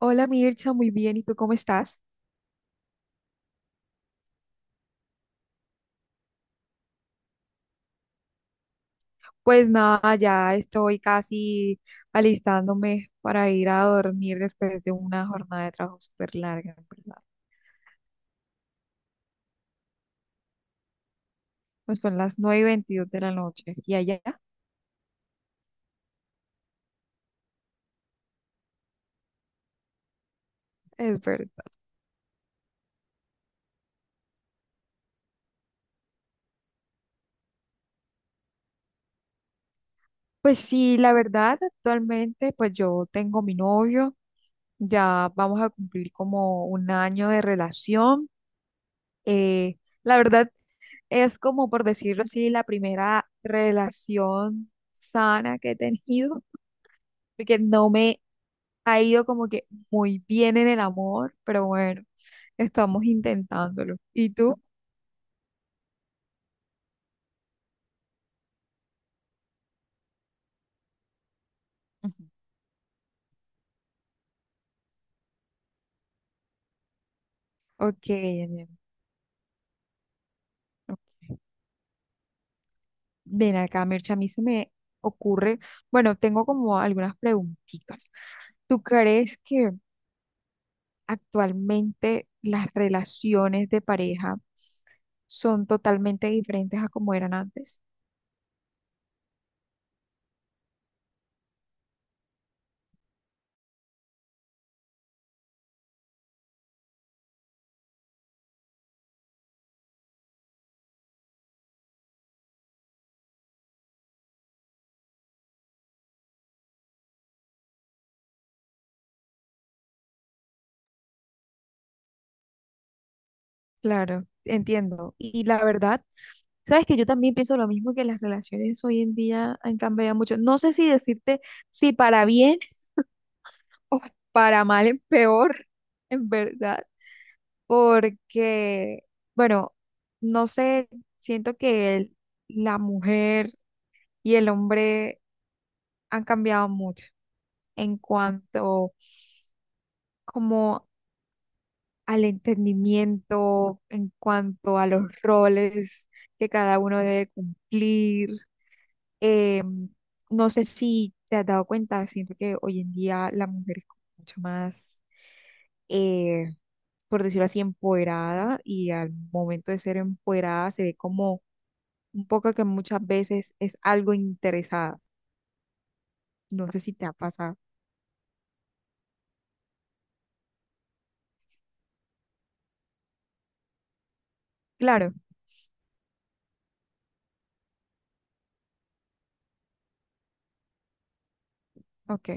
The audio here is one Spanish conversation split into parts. Hola Mircha, muy bien. ¿Y tú cómo estás? Pues nada, ya estoy casi alistándome para ir a dormir después de una jornada de trabajo súper larga, en verdad. Pues son las 9 y 22 de la noche y allá es verdad. Pues sí, la verdad, actualmente pues yo tengo mi novio, ya vamos a cumplir como un año de relación. Eh, la verdad es como por decirlo así, la primera relación sana que he tenido, porque no me ha ido como que muy bien en el amor, pero bueno, estamos intentándolo. ¿Y tú? Ujú. Ok, Daniel, ok. Ven acá, Mircha, a mí se me ocurre, bueno, tengo como algunas preguntitas. ¿Tú crees que actualmente las relaciones de pareja son totalmente diferentes a como eran antes? Claro, entiendo. Y la verdad, sabes que yo también pienso lo mismo, que las relaciones hoy en día han cambiado mucho. No sé si decirte si para bien o para mal es peor, en verdad, porque, bueno, no sé, siento que la mujer y el hombre han cambiado mucho en cuanto como al entendimiento, en cuanto a los roles que cada uno debe cumplir. Eh, no sé si te has dado cuenta, siento que hoy en día la mujer es como mucho más, eh, por decirlo así, empoderada, y al momento de ser empoderada se ve como un poco que muchas veces es algo interesada. No sé si te ha pasado. Claro, ok.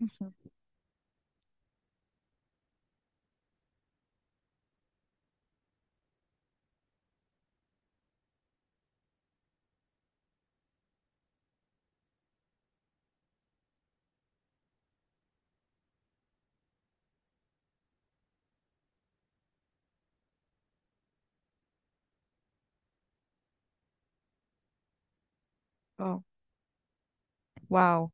Ujú. Oh, wow.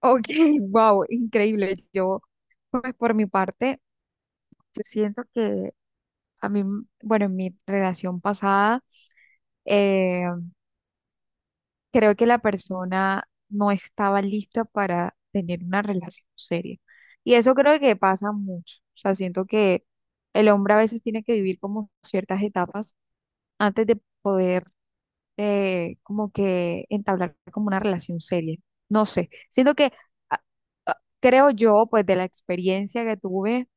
Ok, wow, increíble. Yo, pues por mi parte, yo siento que a mí, bueno, en mi relación pasada, em, creo que la persona no estaba lista para tener una relación seria. Y eso creo que pasa mucho. O sea, siento que el hombre a veces tiene que vivir como ciertas etapas antes de poder, como que entablar como una relación seria. No sé, siento que a- creo yo, pues de la experiencia que tuve,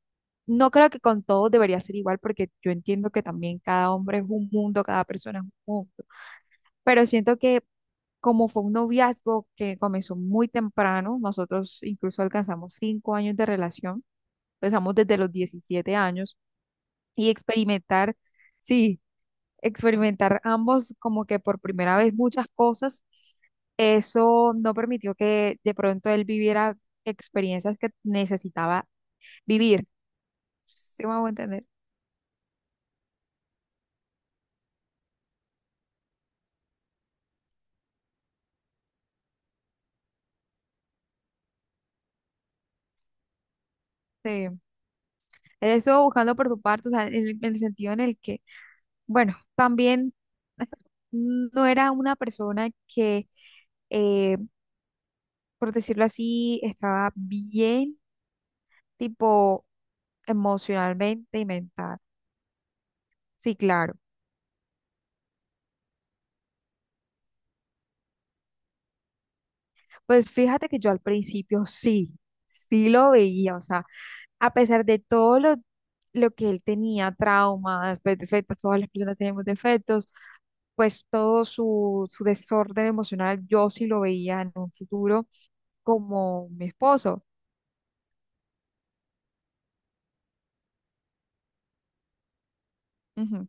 no creo que con todos debería ser igual, porque yo entiendo que también cada hombre es un mundo, cada persona es un mundo, pero siento que como fue un noviazgo que comenzó muy temprano, nosotros incluso alcanzamos 5 años de relación, empezamos desde los 17 años y experimentar, sí, experimentar ambos como que por primera vez muchas cosas, eso no permitió que de pronto él viviera experiencias que necesitaba vivir. ¿Sí me hago entender? Sí. Él estuvo buscando por su parte, o sea, en el, sentido en el que, bueno, también no era una persona que, eh, por decirlo así, estaba bien, tipo emocionalmente y mental. Sí, claro. Pues fíjate que yo al principio sí, sí lo veía, o sea, a pesar de todo lo que él tenía, traumas, pues, defectos, todas las personas tenemos defectos, pues todo su desorden emocional, yo sí lo veía en un futuro como mi esposo. Ujú.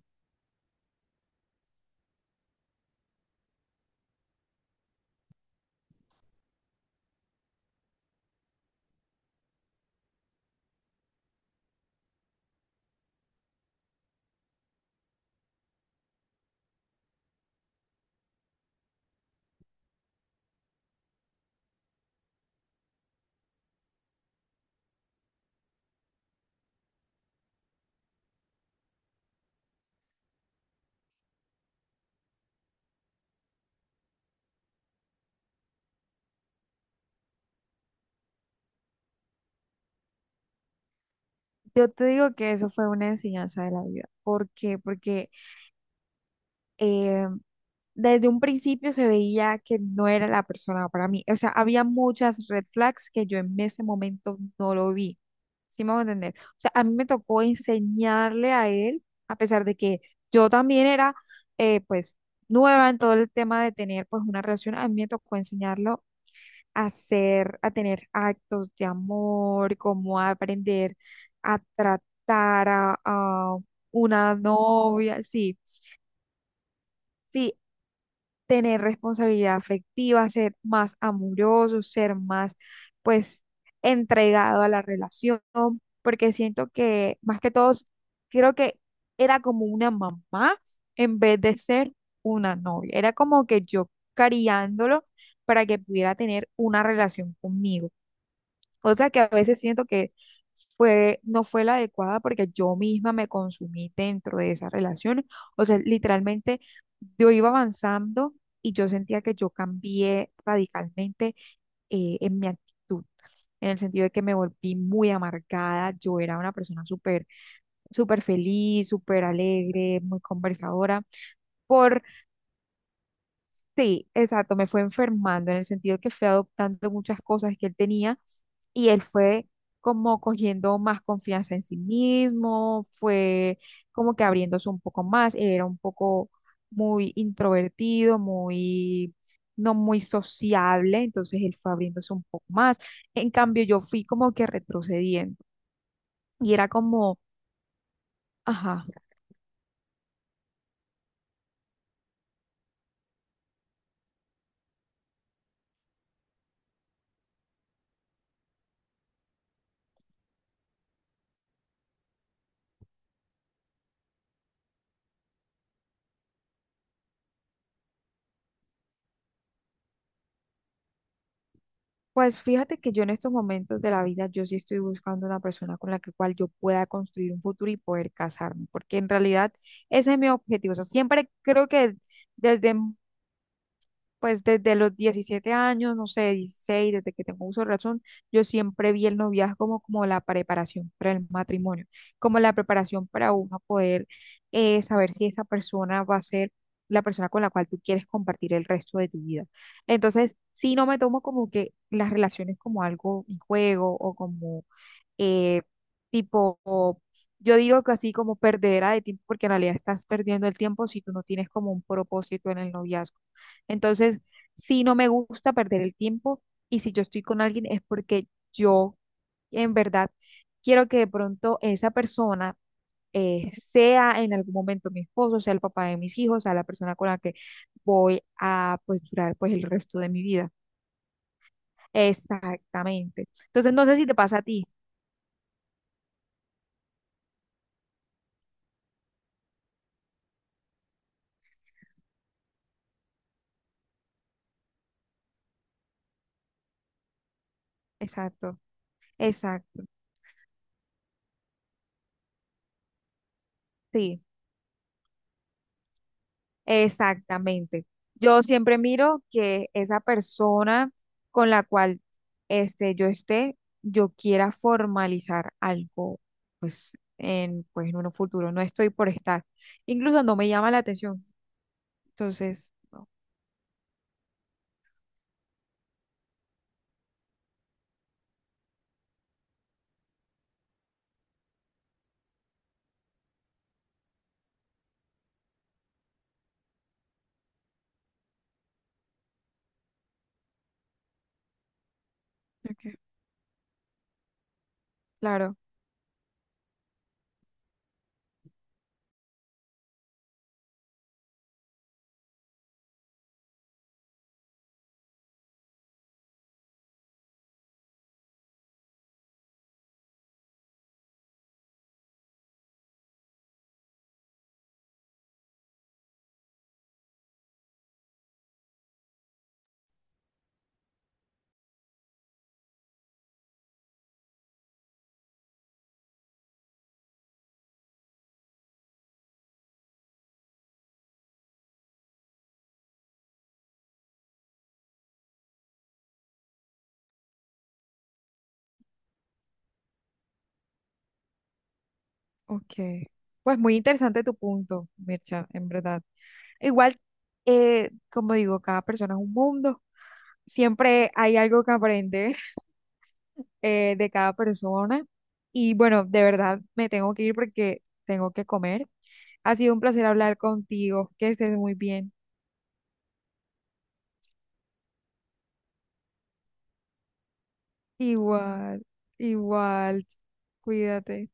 Yo te digo que eso fue una enseñanza de la vida. ¿Por qué? Porque, eh, desde un principio se veía que no era la persona para mí. O sea, había muchas red flags que yo en ese momento no lo vi. ¿Sí me voy a entender? O sea, a mí me tocó enseñarle a él, a pesar de que yo también era, pues, nueva en todo el tema de tener, pues, una relación, a mí me tocó enseñarlo hacer, a tener actos de amor, cómo aprender a tratar a una novia, sí, sí, tener responsabilidad afectiva, ser más amoroso, ser más, pues, entregado a la relación, porque siento que más que todos, creo que era como una mamá en vez de ser una novia, era como que yo cariándolo para que pudiera tener una relación conmigo. O sea que a veces siento que fue, no fue la adecuada, porque yo misma me consumí dentro de esa relación. O sea, literalmente yo iba avanzando y yo sentía que yo cambié radicalmente en mi actitud, en el sentido de que me volví muy amargada. Yo era una persona súper, súper feliz, súper alegre, muy conversadora. Por, sí, exacto, me fue enfermando en el sentido que fui adoptando muchas cosas que él tenía, y él fue como cogiendo más confianza en sí mismo, fue como que abriéndose un poco más. Él era un poco muy introvertido, muy, no muy sociable, entonces él fue abriéndose un poco más. En cambio, yo fui como que retrocediendo y era como, ajá. Pues fíjate que yo en estos momentos de la vida, yo sí estoy buscando una persona con la que cual yo pueda construir un futuro y poder casarme, porque en realidad ese es mi objetivo. O sea, siempre creo que desde desde los 17 años, no sé, 16, desde que tengo uso de razón, yo siempre vi el noviazgo como, la preparación para el matrimonio, como la preparación para uno poder saber si esa persona va a ser la persona con la cual tú quieres compartir el resto de tu vida. Entonces, sí, no me tomo como que las relaciones como algo, un juego o como eh, tipo, yo digo que así como perdedera de tiempo, porque en realidad estás perdiendo el tiempo si tú no tienes como un propósito en el noviazgo. Entonces, si no me gusta perder el tiempo, y si yo estoy con alguien es porque yo en verdad quiero que de pronto esa persona sea en algún momento mi esposo, sea el papá de mis hijos, sea la persona con la que voy a pues durar pues el resto de mi vida. Exactamente. Entonces no sé si te pasa a ti. Exacto, exacto. Sí, exactamente. Yo siempre miro que esa persona con la cual, yo esté, yo quiera formalizar algo, pues en, un futuro. No estoy por estar. Incluso no me llama la atención. Entonces, no. Ok. Claro. Ok. Pues muy interesante tu punto, Mircha, en verdad. Igual, como digo, cada persona es un mundo. Siempre hay algo que aprender de cada persona. Y bueno, de verdad me tengo que ir porque tengo que comer. Ha sido un placer hablar contigo. Que estés muy bien. Igual, igual. Cuídate.